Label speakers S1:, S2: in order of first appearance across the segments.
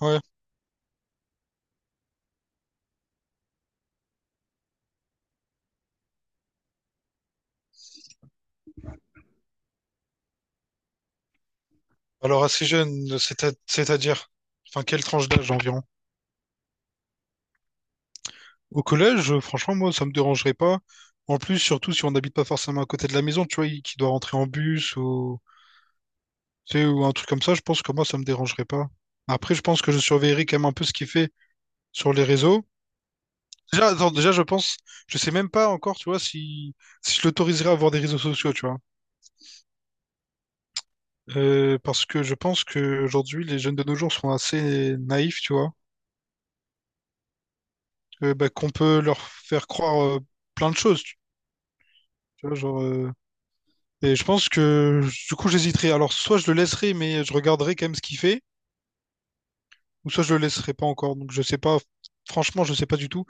S1: Ouais. Alors assez jeune, c'est c'est-à-dire, enfin quelle tranche d'âge environ? Au collège, franchement, moi, ça me dérangerait pas. En plus, surtout si on n'habite pas forcément à côté de la maison, tu vois, qui doit rentrer en bus ou, tu sais, ou un truc comme ça, je pense que moi, ça me dérangerait pas. Après, je pense que je surveillerai quand même un peu ce qu'il fait sur les réseaux. Déjà, attends, déjà, je pense, je sais même pas encore, tu vois, si je l'autoriserais à avoir des réseaux sociaux, tu vois. Parce que je pense que aujourd'hui les jeunes de nos jours sont assez naïfs, tu vois. Bah, qu'on peut leur faire croire plein de choses. Tu vois, genre, et je pense que du coup, j'hésiterai. Alors, soit je le laisserai, mais je regarderai quand même ce qu'il fait, ou soit je le laisserai pas encore. Donc, je sais pas. Franchement, je sais pas du tout.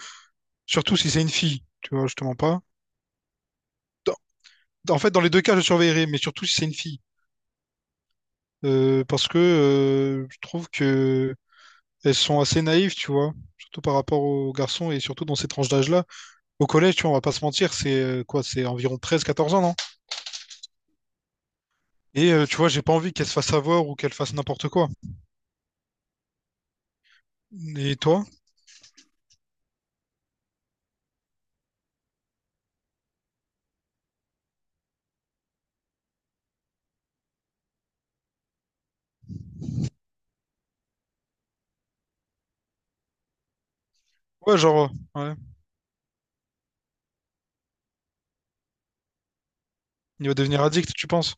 S1: Surtout si c'est une fille, tu vois, je te mens pas. En fait, dans les deux cas, je surveillerai, mais surtout si c'est une fille. Parce que je trouve que elles sont assez naïves, tu vois, surtout par rapport aux garçons et surtout dans ces tranches d'âge-là. Au collège, tu vois, on va pas se mentir, c'est quoi, c'est environ 13, 14 ans, non? Et tu vois, j'ai pas envie qu'elle se fasse avoir ou qu'elle fasse n'importe quoi. Et toi? Ouais, genre, ouais. Il va devenir addict, tu penses?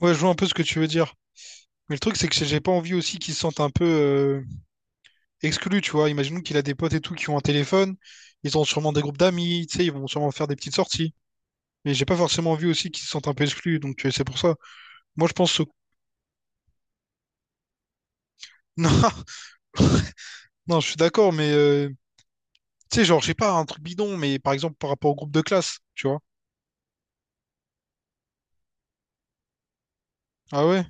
S1: Ouais, je vois un peu ce que tu veux dire. Mais le truc, c'est que j'ai pas envie aussi qu'il se sente un peu exclu, tu vois. Imaginons qu'il a des potes et tout qui ont un téléphone. Ils ont sûrement des groupes d'amis, tu sais, ils vont sûrement faire des petites sorties. Mais j'ai pas forcément envie aussi qu'ils se sentent un peu exclus, donc c'est pour ça. Moi, je pense... Non, non, je suis d'accord, mais... tu sais, genre, je sais pas, un truc bidon, mais par exemple, par rapport au groupe de classe, tu vois. Ah ouais?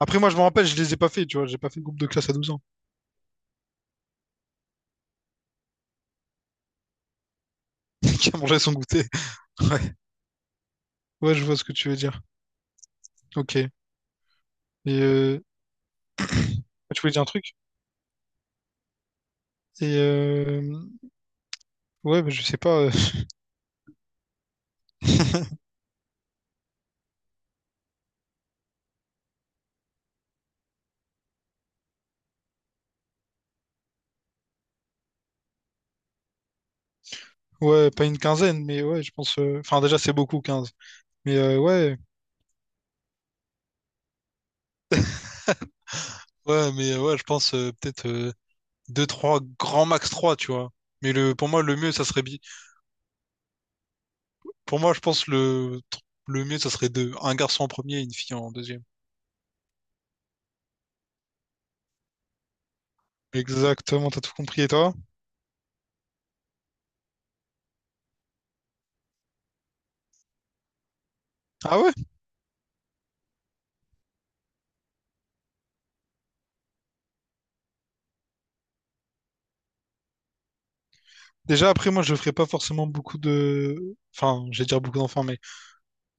S1: Après, moi, je me rappelle, je les ai pas fait, tu vois. J'ai pas fait de groupe de classe à 12 ans. Qui a mangé son goûter. Ouais. Ouais, je vois ce que tu veux dire. Ok. Et euh, tu voulais dire un truc? Et ouais, mais je sais pas. Ouais, pas une quinzaine, mais ouais, je pense. Enfin, déjà, c'est beaucoup, quinze. Mais ouais. Ouais, mais ouais, je pense peut-être 2, 3, grand max 3 tu vois. Mais pour moi, le mieux, ça serait... pour moi, je pense le mieux, ça serait deux. Un garçon en premier et une fille en deuxième. Exactement, t'as tout compris. Et toi? Ah ouais? Déjà, après, moi, je ferai pas forcément beaucoup de. Enfin, je vais dire beaucoup d'enfants, mais.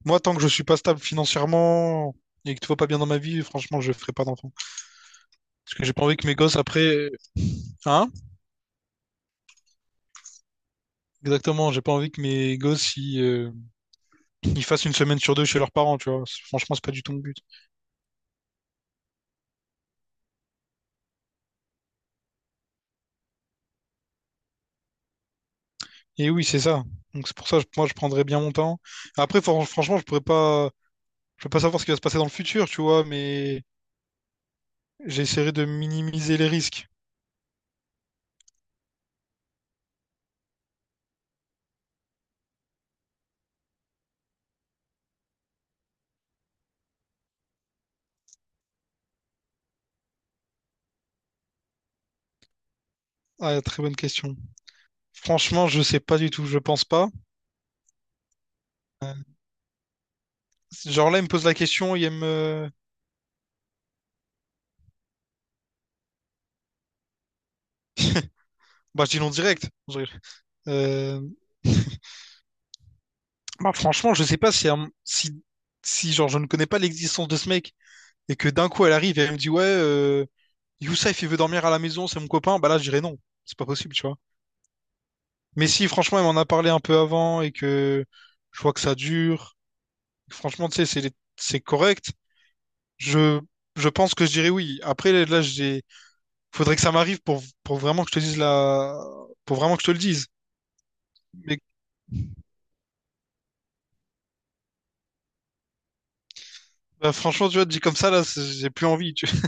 S1: Moi, tant que je suis pas stable financièrement et que tout va pas bien dans ma vie, franchement, je ferai pas d'enfant. Parce que j'ai pas envie que mes gosses après, hein? Exactement, j'ai pas envie que mes gosses ils, ils fassent une semaine sur deux chez leurs parents, tu vois. Franchement, c'est pas du tout mon but. Et oui, c'est ça. Donc c'est pour ça, moi, je prendrais bien mon temps. Après, franchement, je peux pas savoir ce qui va se passer dans le futur, tu vois, mais j'essaierai de minimiser les risques. Ah, très bonne question. Franchement, je sais pas du tout, je pense pas. Euh, Genre là, il me pose la question, il me... Bah, je dis non direct. Je Euh, Bah, franchement, je sais pas si, un- si, si genre, je ne connais pas l'existence de ce mec et que d'un coup elle arrive et elle me dit ouais, Youssef il veut dormir à la maison, c'est mon copain, bah là je dirais non, c'est pas possible, tu vois. Mais si franchement elle m'en a parlé un peu avant et que je vois que ça dure, franchement tu sais c'est correct, je je pense que je dirais oui. Après là j'ai faudrait que ça m'arrive pour vraiment que je te dise la pour vraiment que je te le dise. Mais bah, franchement tu vois dit comme ça là j'ai plus envie, tu vois.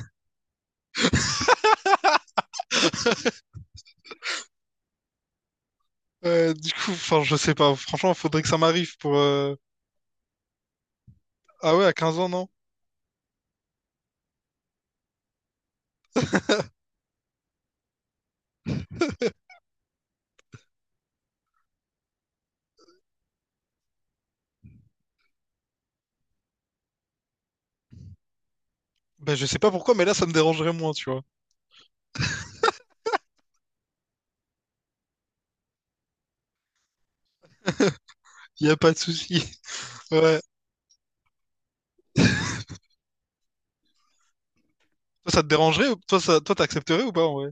S1: Ouais, du coup, enfin, je sais pas. Franchement, faudrait que ça m'arrive pour. Ah ouais, à 15 ans, non? Ben, je sais pas pourquoi, mais là, ça me dérangerait moins, tu vois. Y a pas de souci. Ouais. Toi, ça te dérangerait? Toi, ça... toi, t'accepterais ou pas, en vrai?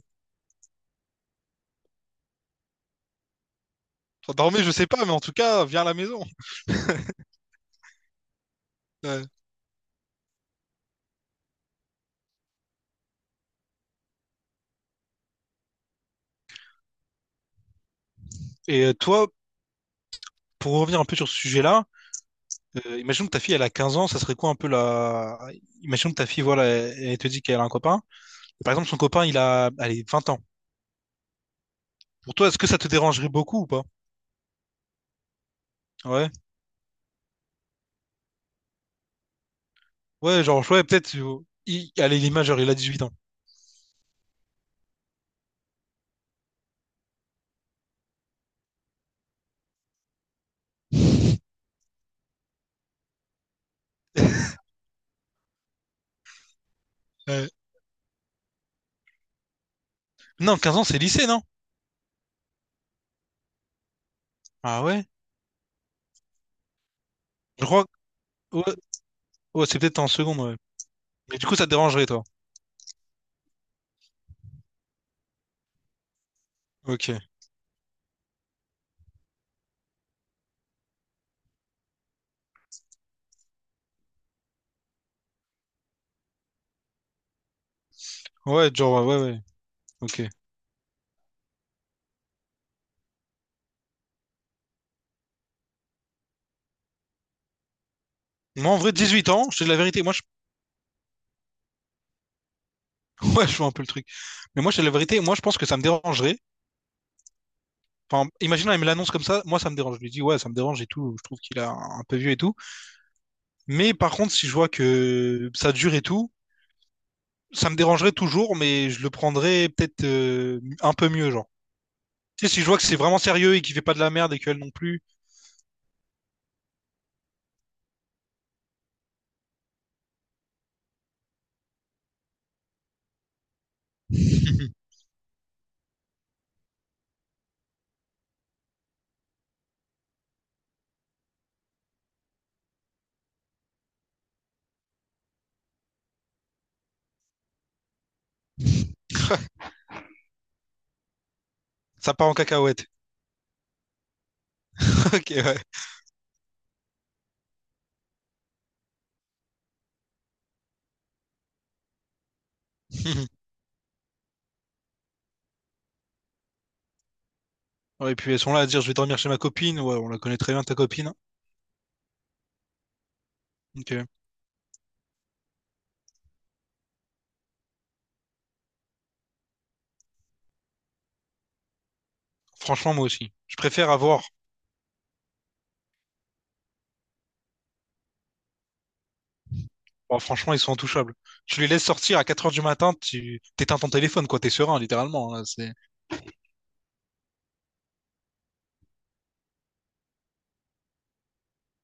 S1: Enfin, dormir, je sais pas, mais en tout cas, viens à la maison. Ouais. Et toi, pour revenir un peu sur ce sujet-là, imagine que ta fille, elle a 15 ans, ça serait quoi un peu la... Imagine que ta fille, voilà, elle, elle te dit qu'elle a un copain. Par exemple, son copain, il a, allez, 20 ans. Pour toi, est-ce que ça te dérangerait beaucoup ou pas? Ouais. Ouais, genre, ouais, peut-être, il... allez, l'image, genre, il a 18 ans. Euh, non, 15 ans, c'est lycée, non? Ah ouais? Je crois que- Ouais, ouais, c'est peut-être en seconde, ouais. Mais du coup, ça te dérangerait, toi. Ok. Ouais, genre, ouais, ouais, ouais. Ok. Moi, en vrai, 18 ans, je te dis la vérité. Moi, je... Ouais, je vois un peu le truc. Mais moi, je te dis la vérité. Moi, je pense que ça me dérangerait. Enfin, imagine, elle me l'annonce comme ça. Moi, ça me dérange. Je lui dis, ouais, ça me dérange et tout. Je trouve qu'il a un peu vieux et tout. Mais par contre, si je vois que ça dure et tout, ça me dérangerait toujours, mais je le prendrais peut-être un peu mieux, genre. Tu sais, si je vois que c'est vraiment sérieux et qu'il fait pas de la merde et qu'elle non plus. Ça part en cacahuète. Ok, ouais. Ouais, et puis elles sont là à dire je vais dormir chez ma copine. Ouais, on la connaît très bien ta copine. Ok. Franchement, moi aussi. Je préfère avoir. Bon, franchement, ils sont intouchables. Tu les laisses sortir à 4 heures du matin, tu t'éteins ton téléphone, quoi. T'es serein, littéralement. Là, c'est...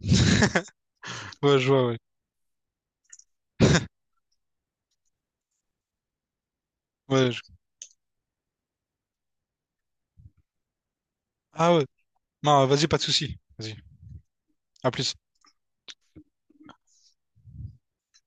S1: Ouais, je vois, ouais. Ouais, je- Ah ouais. Non, vas-y, pas de souci. Vas-y. À plus.